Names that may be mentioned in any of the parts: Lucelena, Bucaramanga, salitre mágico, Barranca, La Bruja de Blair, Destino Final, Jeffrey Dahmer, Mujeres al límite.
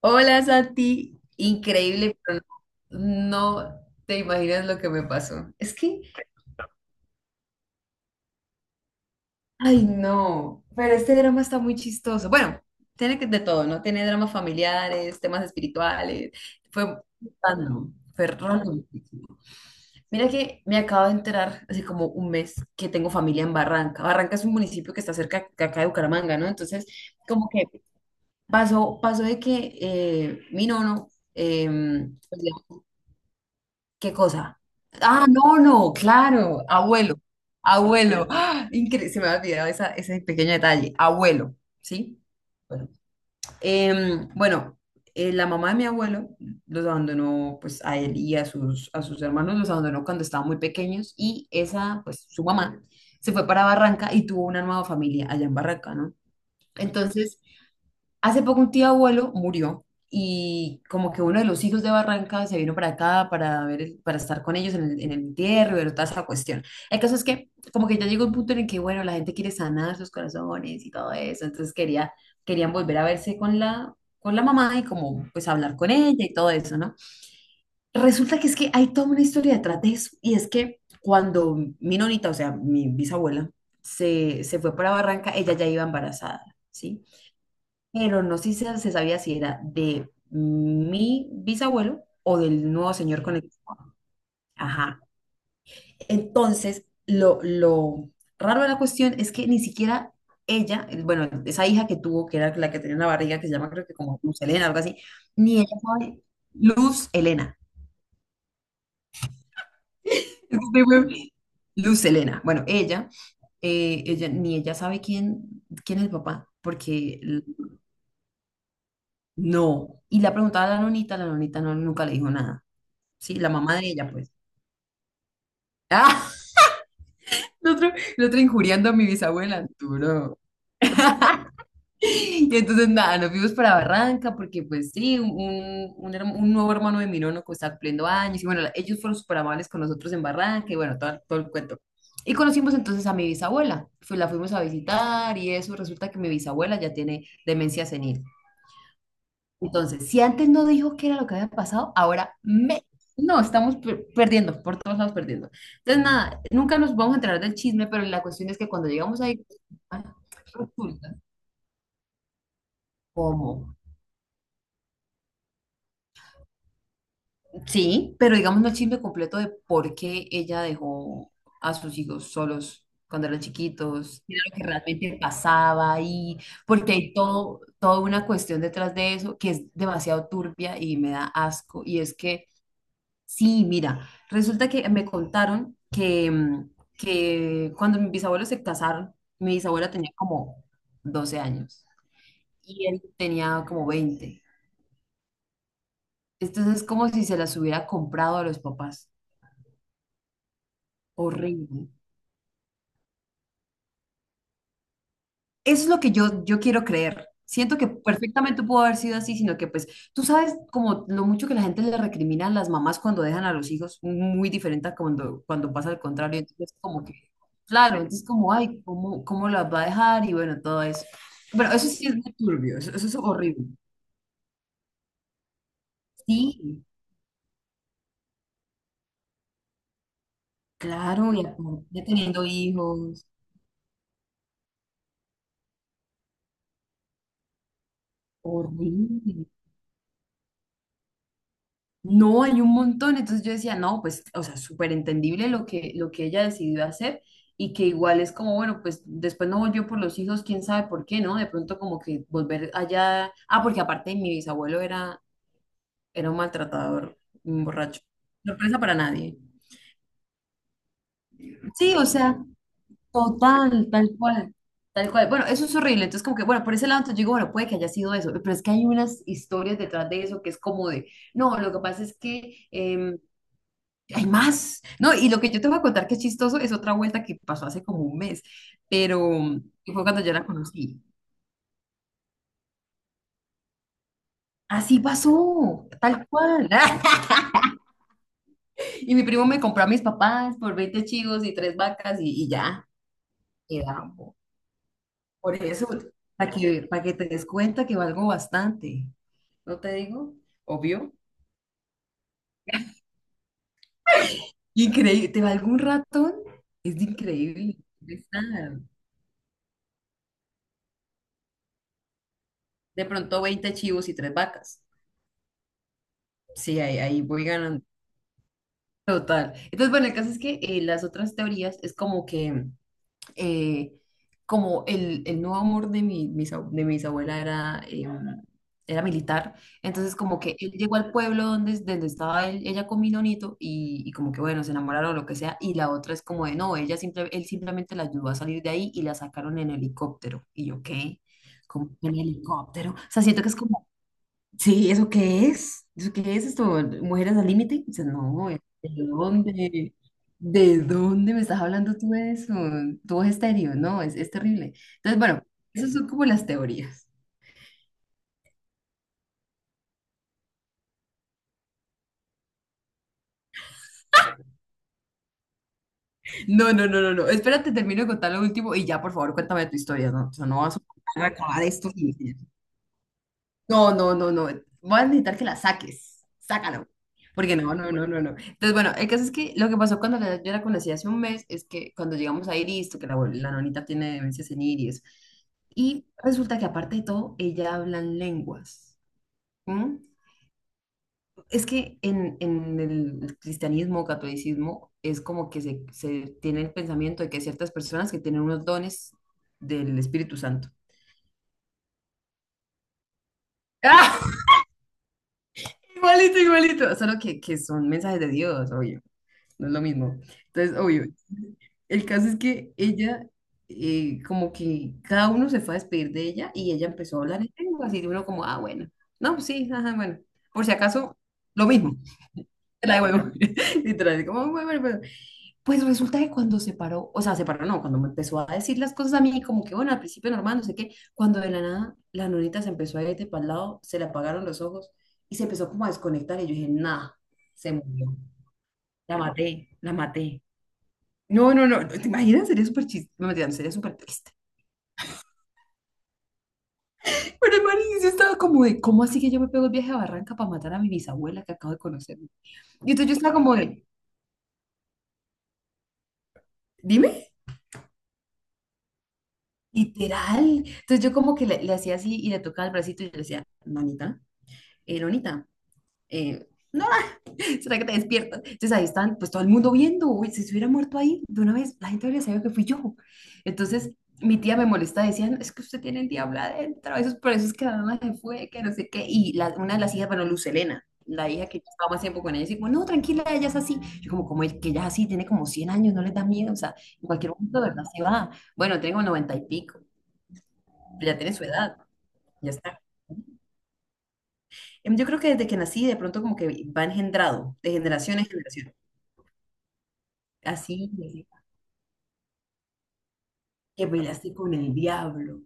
Hola Santi, increíble, pero no, no te imaginas lo que me pasó. Es que, ay no, pero este drama está muy chistoso. Bueno, tiene que de todo, ¿no? Tiene dramas familiares, temas espirituales. Fue random, fue random. Mira que me acabo de enterar hace como un mes que tengo familia en Barranca. Barranca es un municipio que está cerca de acá de Bucaramanga, ¿no? Entonces, como que pasó, pasó de que mi nono. eh, ¿Qué cosa? Ah, no, no, claro, abuelo, abuelo. ¡Ah! Se me había olvidado ese pequeño detalle, abuelo, ¿sí? Bueno, bueno, la mamá de mi abuelo los abandonó, pues a él y a sus hermanos los abandonó cuando estaban muy pequeños y esa, pues su mamá se fue para Barranca y tuvo una nueva familia allá en Barranca, ¿no? Entonces, hace poco un tío abuelo murió y como que uno de los hijos de Barranca se vino para acá para ver, para estar con ellos en el entierro y ver toda esa cuestión. El caso es que como que ya llegó un punto en el que, bueno, la gente quiere sanar sus corazones y todo eso, entonces querían volver a verse con la mamá y como pues hablar con ella y todo eso, ¿no? Resulta que es que hay toda una historia detrás de eso y es que cuando mi nonita, o sea, mi bisabuela, se fue para Barranca, ella ya iba embarazada. ¿Sí? Pero no sé si se sabía si era de mi bisabuelo o del nuevo señor con el. Ajá. Entonces, lo raro de la cuestión es que ni siquiera ella, bueno, esa hija que tuvo, que era la que tenía una barriga, que se llama creo que como Luz Elena, algo así, ni ella sabe, Luz Elena. Luz Elena. Bueno, ella, ella, ni ella sabe quién es el papá, no. Y le ha preguntado a la nonita no, nunca le dijo nada. Sí, la mamá de ella, pues. Ah, el otro, el otro injuriando a mi bisabuela. Duro. Y entonces nada, nos fuimos para Barranca porque pues sí, un nuevo hermano de mi nono que está cumpliendo años y bueno, ellos fueron súper amables con nosotros en Barranca y bueno, todo el cuento. Y conocimos entonces a mi bisabuela, la fuimos a visitar y eso, resulta que mi bisabuela ya tiene demencia senil. Entonces, si antes no dijo qué era lo que había pasado, ahora me. No, estamos perdiendo, por todos lados perdiendo. Entonces, nada, nunca nos vamos a enterar del chisme, pero la cuestión es que cuando llegamos ahí, ah, resulta como, sí, pero digamos no el chisme completo de por qué ella dejó a sus hijos solos cuando eran chiquitos, qué era lo que realmente pasaba ahí, porque hay toda una cuestión detrás de eso que es demasiado turbia y me da asco, y es que sí, mira, resulta que me contaron que cuando mis bisabuelos se casaron, mi bisabuela tenía como 12 años y él tenía como 20. Entonces es como si se las hubiera comprado a los papás. Horrible. Eso es lo que yo quiero creer. Siento que perfectamente pudo haber sido así, sino que pues tú sabes como lo mucho que la gente le recrimina a las mamás cuando dejan a los hijos, muy diferente a cuando pasa al contrario. Entonces como que, claro, entonces como, ay, ¿cómo las va a dejar? Y bueno, todo eso. Bueno, eso sí es muy turbio, eso es horrible. Sí, claro, y aparte teniendo hijos, horrible. No, hay un montón. Entonces yo decía, no, pues, o sea, súper entendible lo que ella decidió hacer y que igual es como, bueno, pues después no volvió por los hijos, quién sabe por qué, ¿no? De pronto como que volver allá. Ah, porque aparte mi bisabuelo era un maltratador, un borracho. Sorpresa para nadie. Sí, o sea, total, tal cual, tal cual. Bueno, eso es horrible. Entonces, como que, bueno, por ese lado, entonces yo digo, bueno, puede que haya sido eso, pero es que hay unas historias detrás de eso que es como de, no, lo que pasa es que, hay más. No, y lo que yo te voy a contar que es chistoso es otra vuelta que pasó hace como un mes, pero que fue cuando yo la conocí. Así pasó, tal cual. Y mi primo me compró a mis papás por 20 chivos y tres vacas y ya, quedamos. Por eso, para que te des cuenta que valgo bastante. ¿No te digo? Obvio. Increíble, te valgo un ratón, es increíble. Es nada. De pronto 20 chivos y tres vacas. Sí, ahí voy ganando. Total. Entonces, bueno, el caso es que las otras teorías es como que, eh, como el nuevo amor de de mi bisabuela era militar, entonces como que él llegó al pueblo donde estaba ella con Minonito y como que, bueno, se enamoraron o lo que sea, y la otra es como de, no, ella simple, él simplemente la ayudó a salir de ahí y la sacaron en helicóptero. Y yo, ¿qué? Como en helicóptero. O sea, siento que es como sí, ¿eso qué es? ¿Eso qué es esto? ¿Mujeres al límite? Dice, no, ¿de dónde? ¿De dónde me estás hablando tú de eso? Todo es estéreo, no, es terrible. Entonces, bueno, esas son como las teorías. No, no, no, no, no. Espérate, termino de contar lo último y ya, por favor, cuéntame tu historia, ¿no? O sea, no vas a acabar esto. No, no, no, no. Voy a necesitar que la saques. Sácalo. Porque no, no, no, bueno, no, no. Entonces, bueno, el caso es que lo que pasó cuando yo la conocí hace un mes es que cuando llegamos ahí, listo, que la nonita tiene demencia senil y eso. Y resulta que aparte de todo, ella habla en lenguas. ¿M? Es que en el cristianismo, o catolicismo, es como que se tiene el pensamiento de que hay ciertas personas que tienen unos dones del Espíritu Santo. ¡Ah! Igualito, igualito. Solo que son mensajes de Dios, obvio. No es lo mismo. Entonces, obvio, el caso es que ella, como que cada uno se fue a despedir de ella y ella empezó a hablar en lengua, así de uno como, ah, bueno, no, pues sí, ajá, bueno, por si acaso, lo mismo, te la devuelvo, literal, como, bueno, bueno, bueno. Pues resulta que cuando se paró, o sea, se paró, no, cuando me empezó a decir las cosas a mí, como que, bueno, al principio normal, no sé qué, cuando de la nada la nonita se empezó a ir de para el lado, se le apagaron los ojos y se empezó como a desconectar y yo dije, nah, se murió, la maté, la maté. No, no, no, no, ¿te imaginas? Sería súper chiste, no, mentira, no, sería súper triste. Pero el marido yo estaba como de, ¿cómo así que yo me pego el viaje a Barranca para matar a mi bisabuela que acabo de conocer? Y entonces yo estaba como de, dime, literal. Entonces yo como que le hacía así y le tocaba el bracito y yo le decía, manita, nonita, eh, no, ¿será que te despiertas? Entonces ahí están, pues todo el mundo viendo, uy, si se hubiera muerto ahí de una vez, la gente habría sabido que fui yo. Entonces mi tía me molesta, decían, es que usted tiene el diablo adentro, eso es por eso es que la mamá se fue, que no sé qué. Y una de las hijas, bueno, Lucelena, la hija que yo estaba más tiempo con ella, decía no, tranquila, ella es así. Yo como, como el que ella es así, tiene como 100 años, no le da miedo, o sea, en cualquier momento de verdad se va. Bueno, tengo 90 y pico, ya tiene su edad, ya está. Yo creo que desde que nací, de pronto como que va engendrado, de generación en generación. Así, que peleaste con el diablo.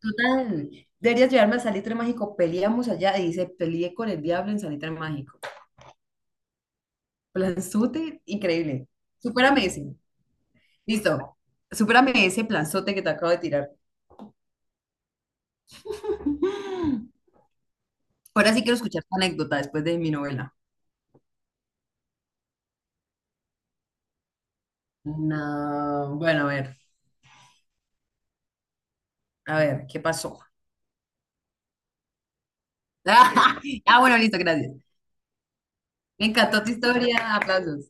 Tú tan, deberías llevarme al salitre mágico, peleamos allá y dice, peleé con el diablo en salitre mágico. Planzote, increíble. Supérame ese. Listo. Supérame ese planzote que te acabo de tirar. Ahora sí quiero escuchar tu anécdota después de mi novela. No, bueno, a ver, ¿qué pasó? Ah, bueno, listo, gracias. Me encantó tu historia, aplausos.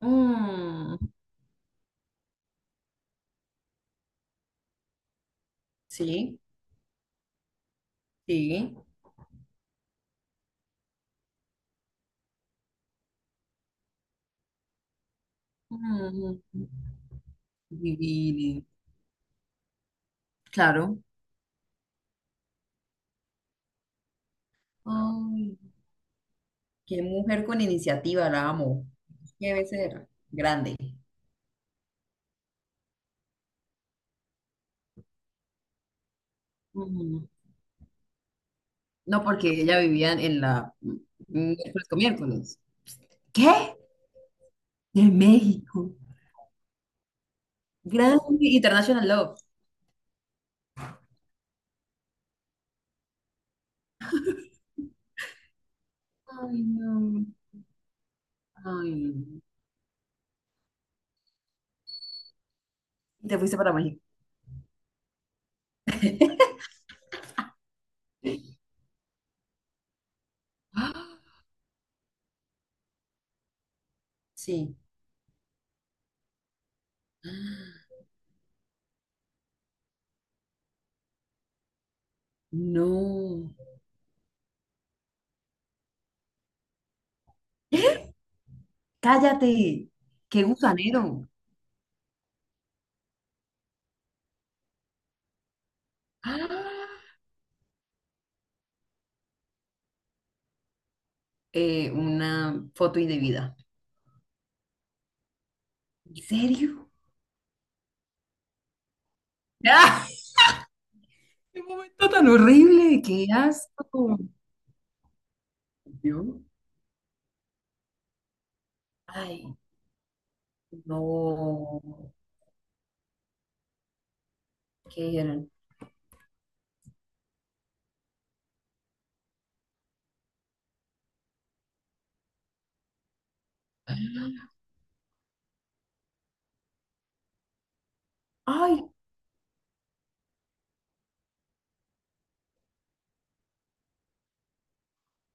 Mm, sí, sí. Mm, divino. Claro. Ay, qué mujer con iniciativa, la amo. Debe ser grande. Ujú. No, porque ella vivía en la miércoles con miércoles. ¿Qué? De México. Grande International Love. Ay, no. Ay, no. Y te fuiste para México. ¡Ah! Sí. No. Cállate. Qué gusanero. ¡Ah! Una foto indebida. ¿En serio? Qué momento tan horrible, qué asco. Yo. Ay, no. ¿Qué dijeron? Ay,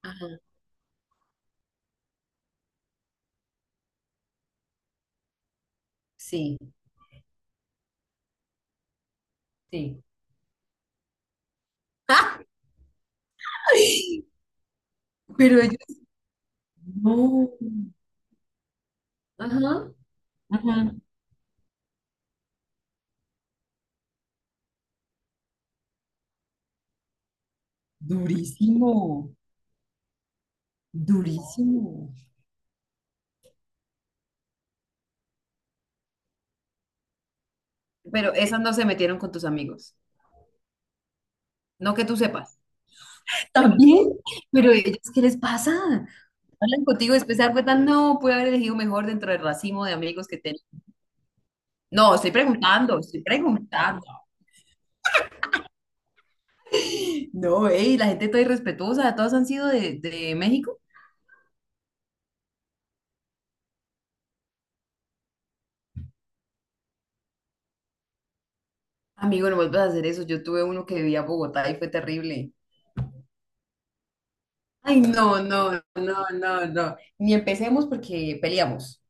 ajá, sí, sí. ¡Ay! Pero ellos, no, ajá. Ajá, durísimo, durísimo. Pero esas no se metieron con tus amigos. No que tú sepas. También, pero ellos, ¿qué les pasa? Hablan contigo y después se dan cuenta, no, pude haber elegido mejor dentro del racimo de amigos que tenía. No, estoy preguntando, estoy preguntando. No, ey, la gente está irrespetuosa, todas han sido de México. Amigo, no vuelvas a hacer eso. Yo tuve uno que vivía en Bogotá y fue terrible. Ay, no, no, no, no, no. Ni empecemos porque peleamos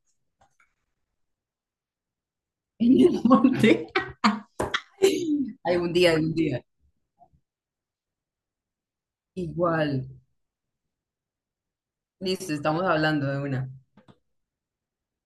en el monte. Algún día, algún día. Igual. Listo, estamos hablando de una.